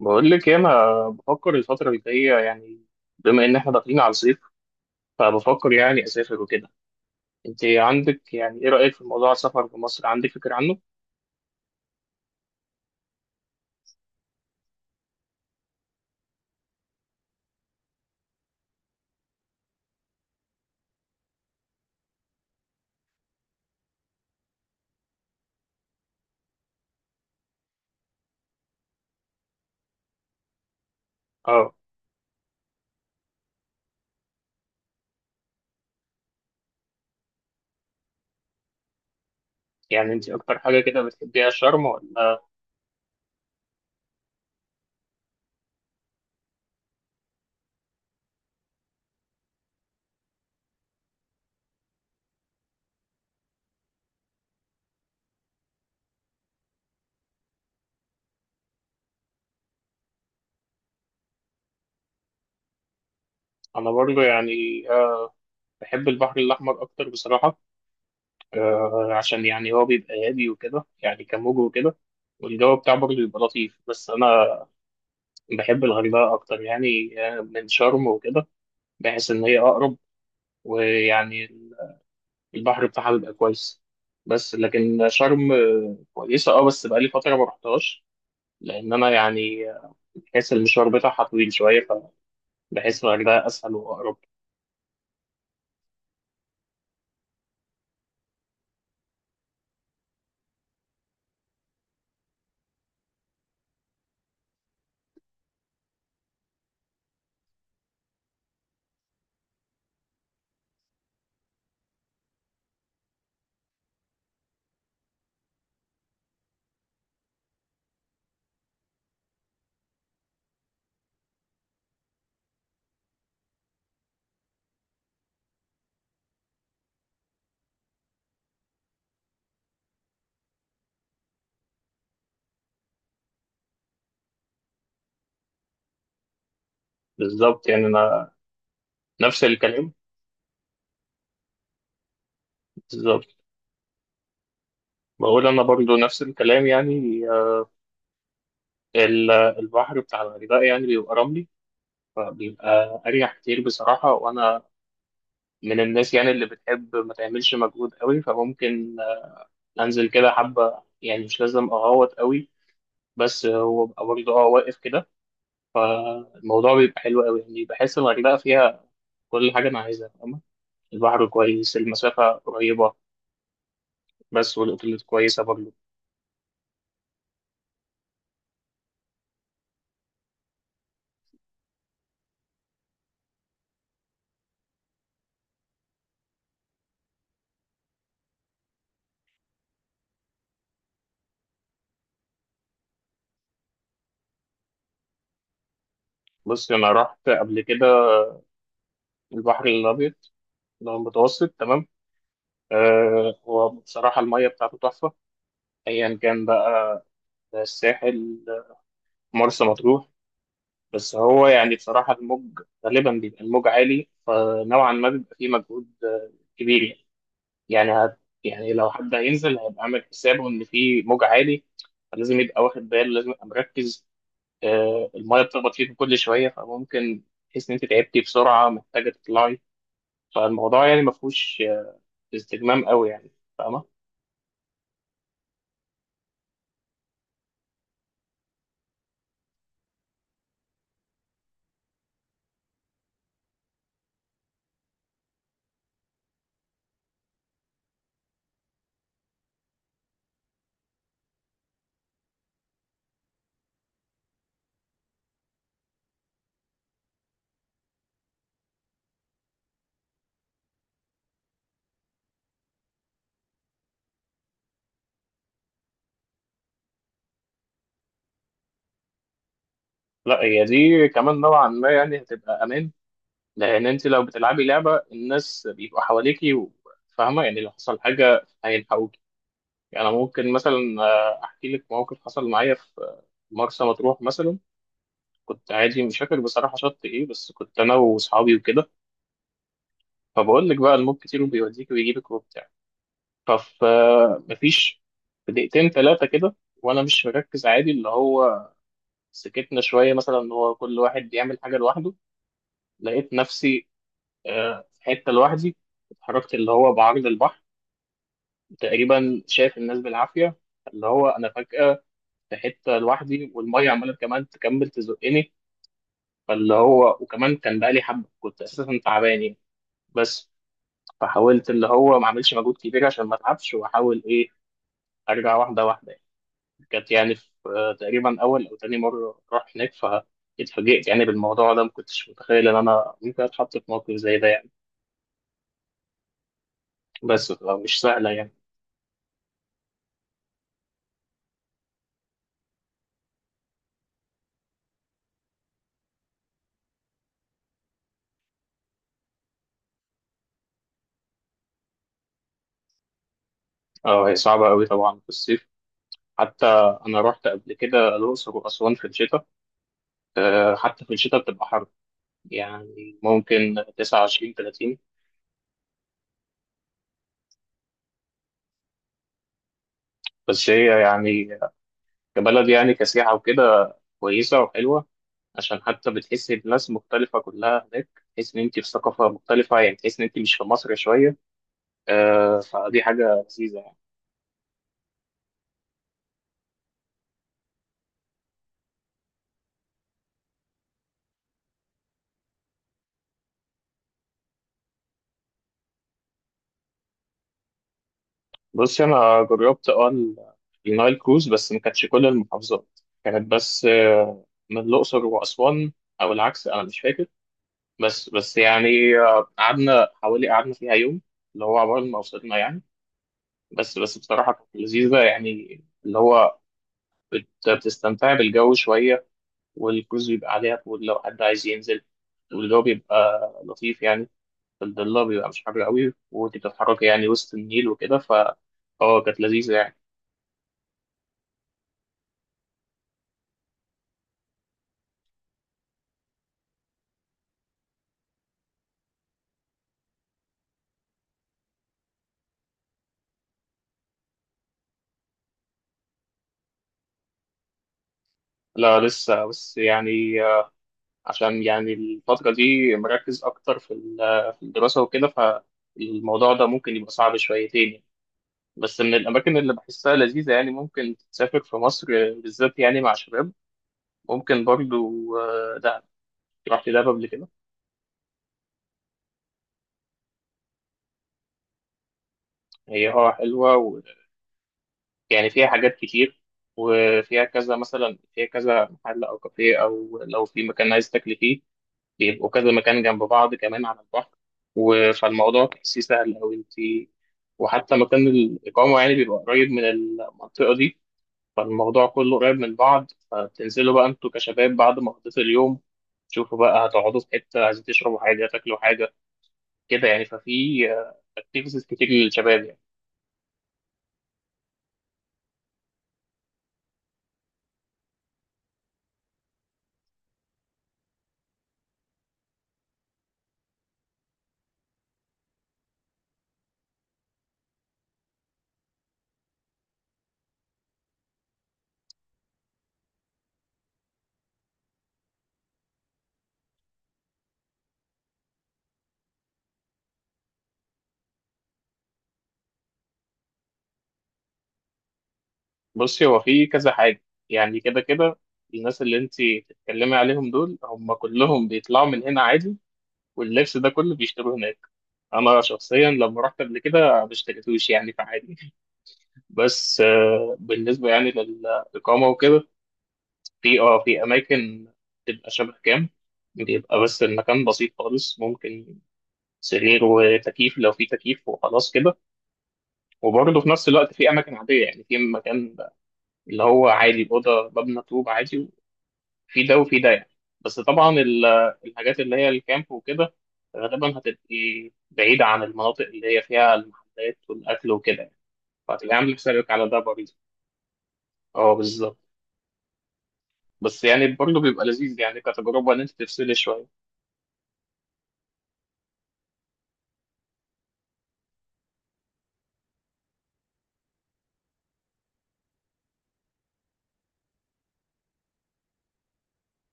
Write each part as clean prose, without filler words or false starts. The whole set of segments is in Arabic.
بقول لك إيه، انا بفكر الفتره اللي جايه يعني بما ان احنا داخلين على الصيف فبفكر يعني اسافر وكده. انت عندك يعني ايه رايك في موضوع السفر في مصر؟ عندك فكره عنه؟ اه. يعني انت اكتر حاجه كده بتحبيها شرم ولا؟ انا برضه يعني آه، بحب البحر الاحمر اكتر بصراحه. عشان يعني هو بيبقى هادي وكده يعني كموج وكده، والجو بتاعه برضه بيبقى لطيف. بس انا بحب الغردقه اكتر يعني من شرم وكده. بحس ان هي اقرب ويعني البحر بتاعها بيبقى كويس. بس لكن شرم كويسة. اه، بس بقالي فترة ما رحتهاش لأن أنا يعني بحس المشوار بتاعها طويل شوية، فبحس إن الغردقة أسهل وأقرب. بالظبط يعني أنا نفس الكلام بالظبط. بقول أنا برضو نفس الكلام يعني. ال- البحر بتاع الغردقة يعني بيبقى رملي، فبيبقى أريح كتير بصراحة. وأنا من الناس يعني اللي بتحب ما تعملش مجهود قوي، فممكن أنزل كده حبة يعني مش لازم أغوط قوي، بس هو بقى برضه اه واقف كده. الموضوع بيبقى حلو قوي يعني، بحس الغردقة فيها كل حاجة أنا عايزها، فاهمة؟ البحر كويس، المسافة قريبة، بس والأوتيلات كويسة برضه. بص أنا رحت قبل كده البحر الأبيض اللي هو المتوسط، تمام. آه، هو بصراحة المية بتاعته تحفة، أيا كان بقى، الساحل، مرسى مطروح. بس هو يعني بصراحة الموج غالبا بيبقى الموج عالي، فنوعا ما بيبقى فيه مجهود كبير يعني. يعني هت، يعني لو حد هينزل هيبقى عامل حسابه ان في موج عالي، فلازم يبقى واخد باله، لازم يبقى مركز. آه، المايه بتخبط فيك كل شويه، فممكن تحس ان انت تعبتي بسرعه، محتاجه تطلعي. فالموضوع يعني ما فيهوش استجمام قوي يعني، فاهمه؟ لا، هي دي كمان نوعا ما يعني هتبقى امان، لان انت لو بتلعبي لعبه الناس بيبقوا حواليكي و-، فاهمه يعني لو حصل حاجه هيلحقوكي. يعني أنا ممكن مثلا احكي لك موقف حصل معايا في مرسى مطروح مثلا. كنت عادي مش فاكر بصراحة شط إيه، بس كنت أنا وأصحابي وكده. فبقول لك بقى الموج كتير وبيوديك ويجيبك وبتاع، فف مفيش، في دقيقتين تلاتة كده وأنا مش مركز عادي، اللي هو سكتنا شوية مثلا إن هو كل واحد بيعمل حاجة لوحده، لقيت نفسي في حتة لوحدي. اتحركت اللي هو بعرض البحر، تقريبا شايف الناس بالعافية. اللي هو أنا فجأة في حتة لوحدي، والمية عمالة كمان تكمل تزقني. فاللي هو وكمان كان بقالي حبة كنت أساسا تعبان يعني، بس فحاولت اللي هو ما اعملش مجهود كبير عشان ما اتعبش، واحاول ايه ارجع واحده واحده يعني. كانت يعني في تقريبا اول او تاني مره اروح هناك، فاتفاجئت يعني بالموضوع ده، ما كنتش متخيل ان انا ممكن اتحط في موقف زي ده يعني، بس بتبقى مش سهله يعني. اه، هي صعبه قوي طبعا في الصيف. حتى انا رحت قبل كده الاقصر واسوان في الشتاء، حتى في الشتاء بتبقى حر يعني، ممكن 29 30. بس هي يعني كبلد يعني كسياحه وكده كويسه وحلوه، عشان حتى بتحسي الناس مختلفة كلها هناك، تحس إن أنت في ثقافة مختلفة يعني، تحس إن أنت مش في مصر شوية. آه، فدي حاجة لذيذة يعني. بصي أنا جربت أه ال- النايل كروز، بس ما كانتش كل المحافظات، كانت بس آه من الأقصر وأسوان أو العكس أنا مش فاكر. بس يعني قعدنا حوالي، قعدنا فيها يوم اللي هو عبال ما وصلنا يعني. بس بصراحة كانت لذيذة يعني، اللي هو بتستمتعي بالجو شوية، والكروز بيبقى عليها طول لو حد عايز ينزل، والجو بيبقى لطيف يعني. في الضلة بيبقى مش حر قوي وانت بتتحركي يعني وسط النيل وكده، ف اه كانت لذيذة يعني. لا لسه، بس يعني عشان يعني الفترة دي مركز أكتر في ال- في الدراسة وكده، فالموضوع ده ممكن يبقى صعب شويتين يعني. بس من الأماكن اللي بحسها لذيذة يعني ممكن تسافر في مصر، بالذات يعني مع شباب، ممكن برضو دهب. رحت دهب قبل كده. هي اه حلوة يعني، فيها حاجات كتير، وفيها كذا مثلا، فيها كذا محل أو كافيه أو لو في مكان عايز تاكل فيه بيبقوا كذا مكان جنب بعض كمان على البحر و-، فالموضوع تحسيه سهل أوي أنت. وحتى مكان الإقامة يعني بيبقى قريب من المنطقة دي، فالموضوع كله قريب من بعض. فبتنزلوا بقى أنتوا كشباب بعد ما قضيت اليوم، تشوفوا بقى هتقعدوا في حتة، عايزين تشربوا حاجة تاكلوا حاجة كده يعني. ففي اكتيفيتيز كتير للشباب يعني. بصي هو في كذا حاجة يعني. كده كده الناس اللي انت بتتكلمي عليهم دول هم كلهم بيطلعوا من هنا عادي، واللبس ده كله بيشتروه هناك. انا شخصيا لما رحت قبل كده ما اشتريتوش يعني، فعادي. بس بالنسبة يعني للإقامة وكده، في اه في أماكن بتبقى شبه كام، بيبقى بس المكان بسيط خالص، ممكن سرير وتكييف لو في تكييف وخلاص كده. وبرضه في نفس الوقت في أماكن عادية يعني، في مكان اللي هو عادي أوضة مبنى طوب عادي، في ده وفي ده يعني. بس طبعا ال- الحاجات اللي هي الكامب وكده غالبا هتبقي بعيدة عن المناطق اللي هي فيها المحلات والأكل وكده يعني، فهتبقي عامل حسابك على ده برضه. اه بالظبط. بس يعني برضه بيبقى لذيذ يعني كتجربة إن أنت تفصلي شوية.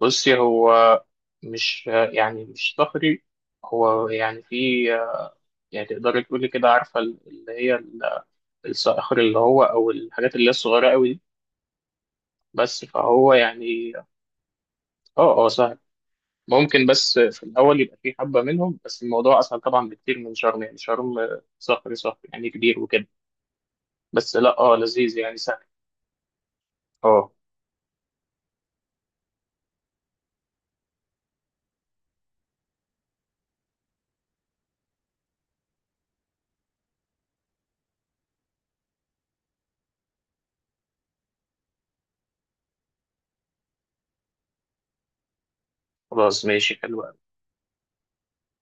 بصي هو مش، يعني مش صخري، هو يعني في، يعني تقدري تقولي كده عارفة اللي هي ال- الصخر اللي هو أو الحاجات اللي هي الصغيرة أوي دي، بس فهو يعني اه اه سهل. ممكن بس في الأول يبقى في حبة منهم، بس الموضوع أسهل طبعا بكتير من شرم، يعني شرم صخري صخري يعني كبير وكده. بس لا اه لذيذ يعني سهل. اه، خلاص ماشي حلو.